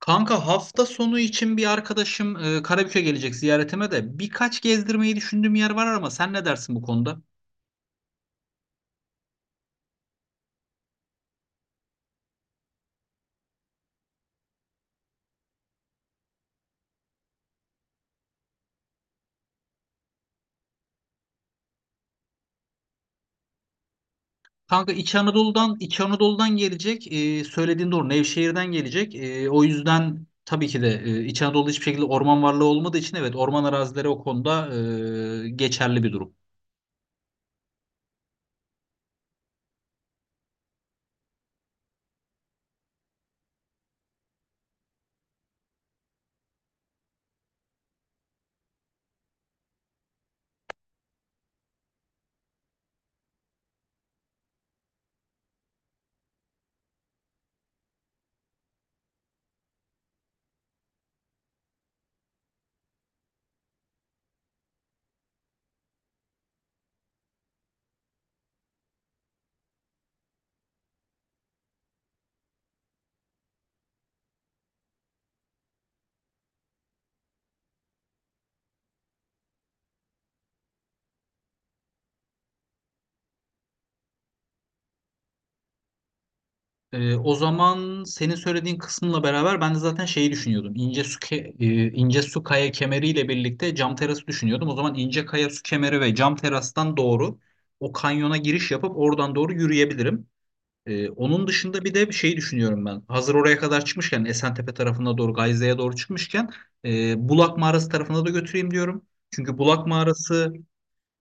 Kanka hafta sonu için bir arkadaşım Karabük'e gelecek, ziyaretime de birkaç gezdirmeyi düşündüğüm yer var ama sen ne dersin bu konuda? Kanka İç Anadolu'dan gelecek. Söylediğin doğru. Nevşehir'den gelecek. O yüzden tabii ki de İç Anadolu'da hiçbir şekilde orman varlığı olmadığı için, evet, orman arazileri o konuda geçerli bir durum. O zaman senin söylediğin kısmıyla beraber ben de zaten şeyi düşünüyordum. İnce su kaya kemeriyle birlikte cam terası düşünüyordum. O zaman ince kaya su kemeri ve cam terastan doğru o kanyona giriş yapıp oradan doğru yürüyebilirim. Onun dışında bir de bir şey düşünüyorum ben. Hazır oraya kadar çıkmışken Esentepe tarafına doğru, Gayze'ye doğru çıkmışken, Bulak Mağarası tarafına da götüreyim diyorum. Çünkü Bulak Mağarası,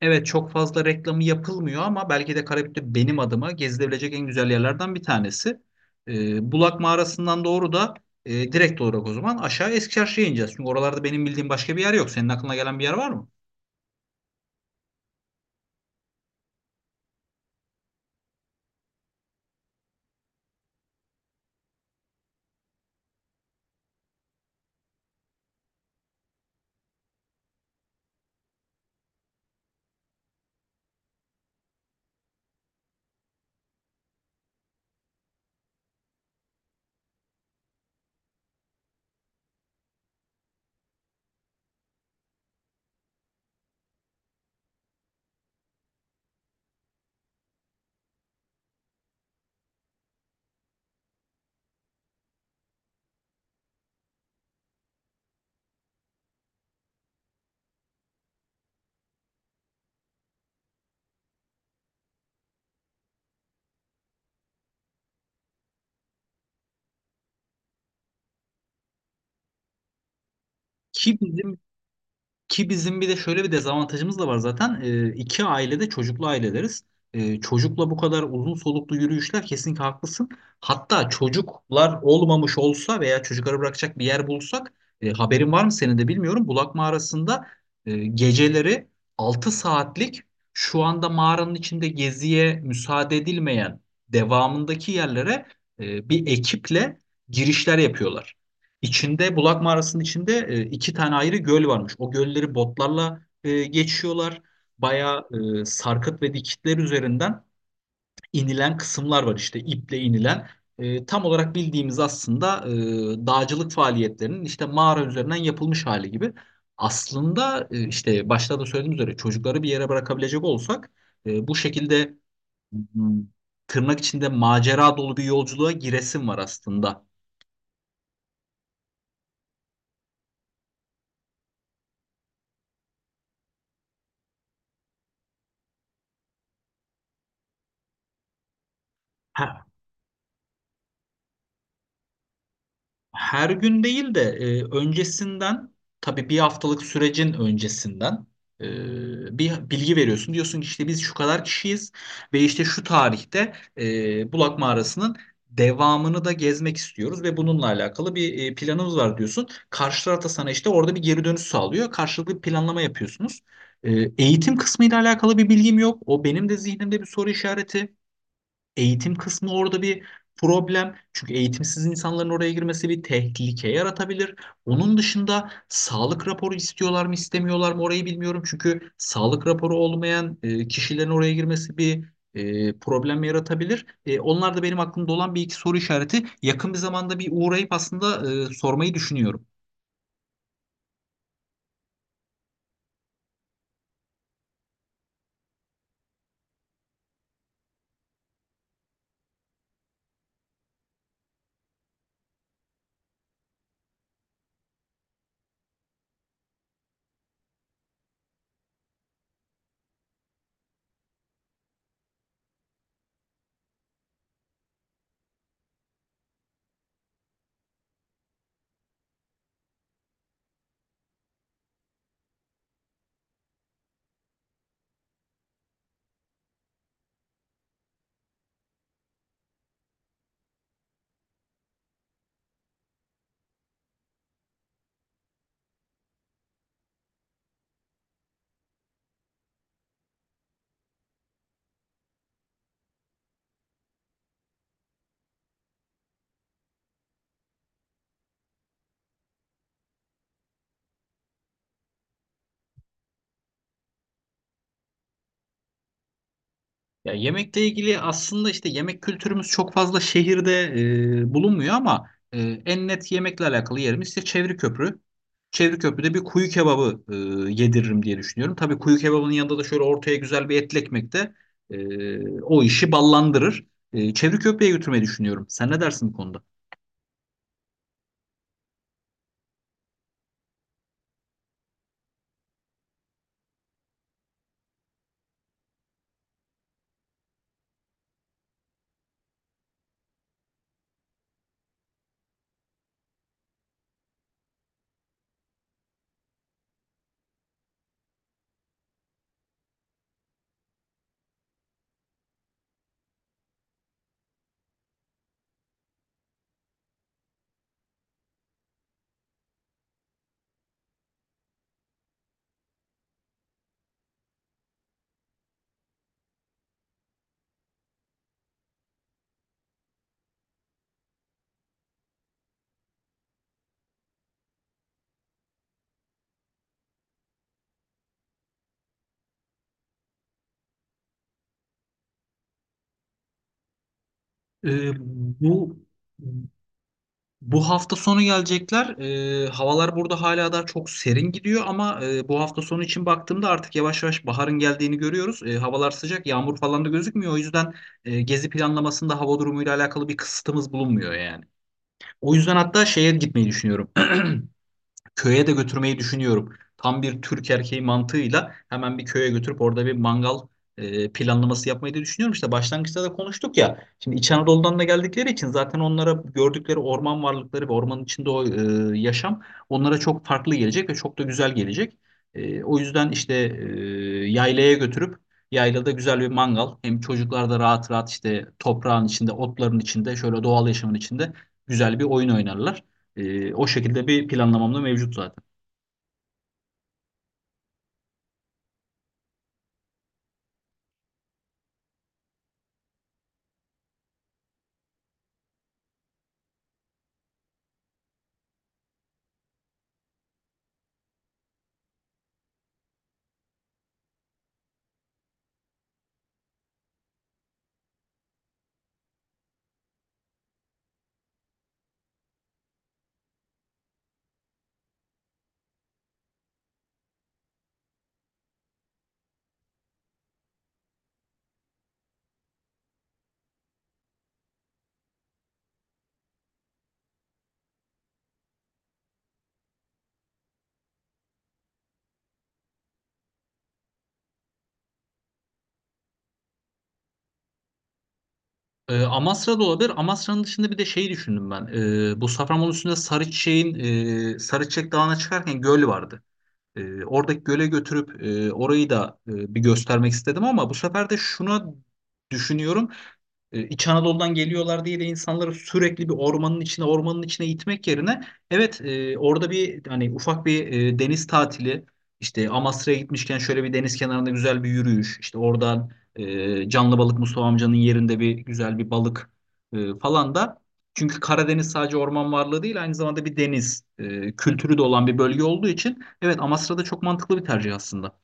evet, çok fazla reklamı yapılmıyor ama belki de Karabük'te benim adıma gezilebilecek en güzel yerlerden bir tanesi. Bulak Mağarası'ndan doğru da direkt olarak o zaman aşağı Eski Çarşı'ya ineceğiz. Çünkü oralarda benim bildiğim başka bir yer yok. Senin aklına gelen bir yer var mı? Ki bizim Ki bizim bir de şöyle bir dezavantajımız da var zaten. İki ailede çocuklu aileleriz. Çocukla bu kadar uzun soluklu yürüyüşler, kesinlikle haklısın. Hatta çocuklar olmamış olsa veya çocukları bırakacak bir yer bulsak, haberin var mı senin de bilmiyorum. Bulak mağarasında geceleri 6 saatlik, şu anda mağaranın içinde geziye müsaade edilmeyen devamındaki yerlere bir ekiple girişler yapıyorlar. İçinde, Bulak Mağarası'nın içinde iki tane ayrı göl varmış. O gölleri botlarla geçiyorlar. Bayağı sarkıt ve dikitler üzerinden inilen kısımlar var, işte iple inilen. Tam olarak bildiğimiz aslında dağcılık faaliyetlerinin işte mağara üzerinden yapılmış hali gibi. Aslında işte başta da söylediğim üzere çocukları bir yere bırakabilecek olsak, bu şekilde, m, tırnak içinde macera dolu bir yolculuğa giresim var aslında. Ha, her gün değil de öncesinden, tabii bir haftalık sürecin öncesinden, bir bilgi veriyorsun. Diyorsun ki işte biz şu kadar kişiyiz ve işte şu tarihte Bulak Mağarası'nın devamını da gezmek istiyoruz ve bununla alakalı bir planımız var diyorsun. Karşı taraf da sana işte orada bir geri dönüş sağlıyor. Karşılıklı bir planlama yapıyorsunuz. E, Eğitim kısmıyla alakalı bir bilgim yok. O benim de zihnimde bir soru işareti. Eğitim kısmı orada bir problem. Çünkü eğitimsiz insanların oraya girmesi bir tehlike yaratabilir. Onun dışında sağlık raporu istiyorlar mı istemiyorlar mı orayı bilmiyorum. Çünkü sağlık raporu olmayan kişilerin oraya girmesi bir problem yaratabilir. Onlar da benim aklımda olan bir iki soru işareti. Yakın bir zamanda bir uğrayıp aslında sormayı düşünüyorum. Ya, yemekle ilgili aslında işte yemek kültürümüz çok fazla şehirde bulunmuyor ama en net yemekle alakalı yerimiz işte Çevri Köprü. Çevri Köprü'de bir kuyu kebabı yediririm diye düşünüyorum. Tabii kuyu kebabının yanında da şöyle ortaya güzel bir etli ekmek de o işi ballandırır. Çevri Köprü'ye götürmeyi düşünüyorum. Sen ne dersin bu konuda? E, bu Bu hafta sonu gelecekler. Havalar burada hala da çok serin gidiyor ama bu hafta sonu için baktığımda artık yavaş yavaş baharın geldiğini görüyoruz. Havalar sıcak, yağmur falan da gözükmüyor. O yüzden gezi planlamasında hava durumuyla alakalı bir kısıtımız bulunmuyor yani. O yüzden hatta şeye gitmeyi düşünüyorum. Köye de götürmeyi düşünüyorum. Tam bir Türk erkeği mantığıyla hemen bir köye götürüp orada bir mangal planlaması yapmayı da düşünüyorum. İşte başlangıçta da konuştuk ya. Şimdi İç Anadolu'dan da geldikleri için zaten onlara gördükleri orman varlıkları ve ormanın içinde o yaşam onlara çok farklı gelecek ve çok da güzel gelecek. O yüzden işte yaylaya götürüp yaylada güzel bir mangal, hem çocuklar da rahat rahat işte toprağın içinde, otların içinde, şöyle doğal yaşamın içinde güzel bir oyun oynarlar. O şekilde bir planlamam da mevcut zaten. Amasra da olabilir. Amasra'nın dışında bir de şey düşündüm ben. Bu Safranbolu üstünde Sarıçek Dağı'na çıkarken göl vardı. Oradaki göle götürüp orayı da bir göstermek istedim ama bu sefer de şuna düşünüyorum. İç Anadolu'dan geliyorlar diye de insanları sürekli bir ormanın içine itmek yerine, evet, orada bir hani ufak bir deniz tatili, işte Amasra'ya gitmişken şöyle bir deniz kenarında güzel bir yürüyüş, işte oradan canlı balık Mustafa amcanın yerinde bir güzel bir balık falan da, çünkü Karadeniz sadece orman varlığı değil, aynı zamanda bir deniz kültürü de olan bir bölge olduğu için, evet, Amasra'da çok mantıklı bir tercih aslında.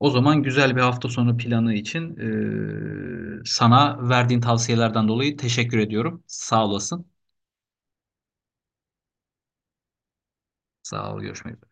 O zaman güzel bir hafta sonu planı için sana verdiğin tavsiyelerden dolayı teşekkür ediyorum. Sağ olasın. Sağ ol, görüşmek üzere.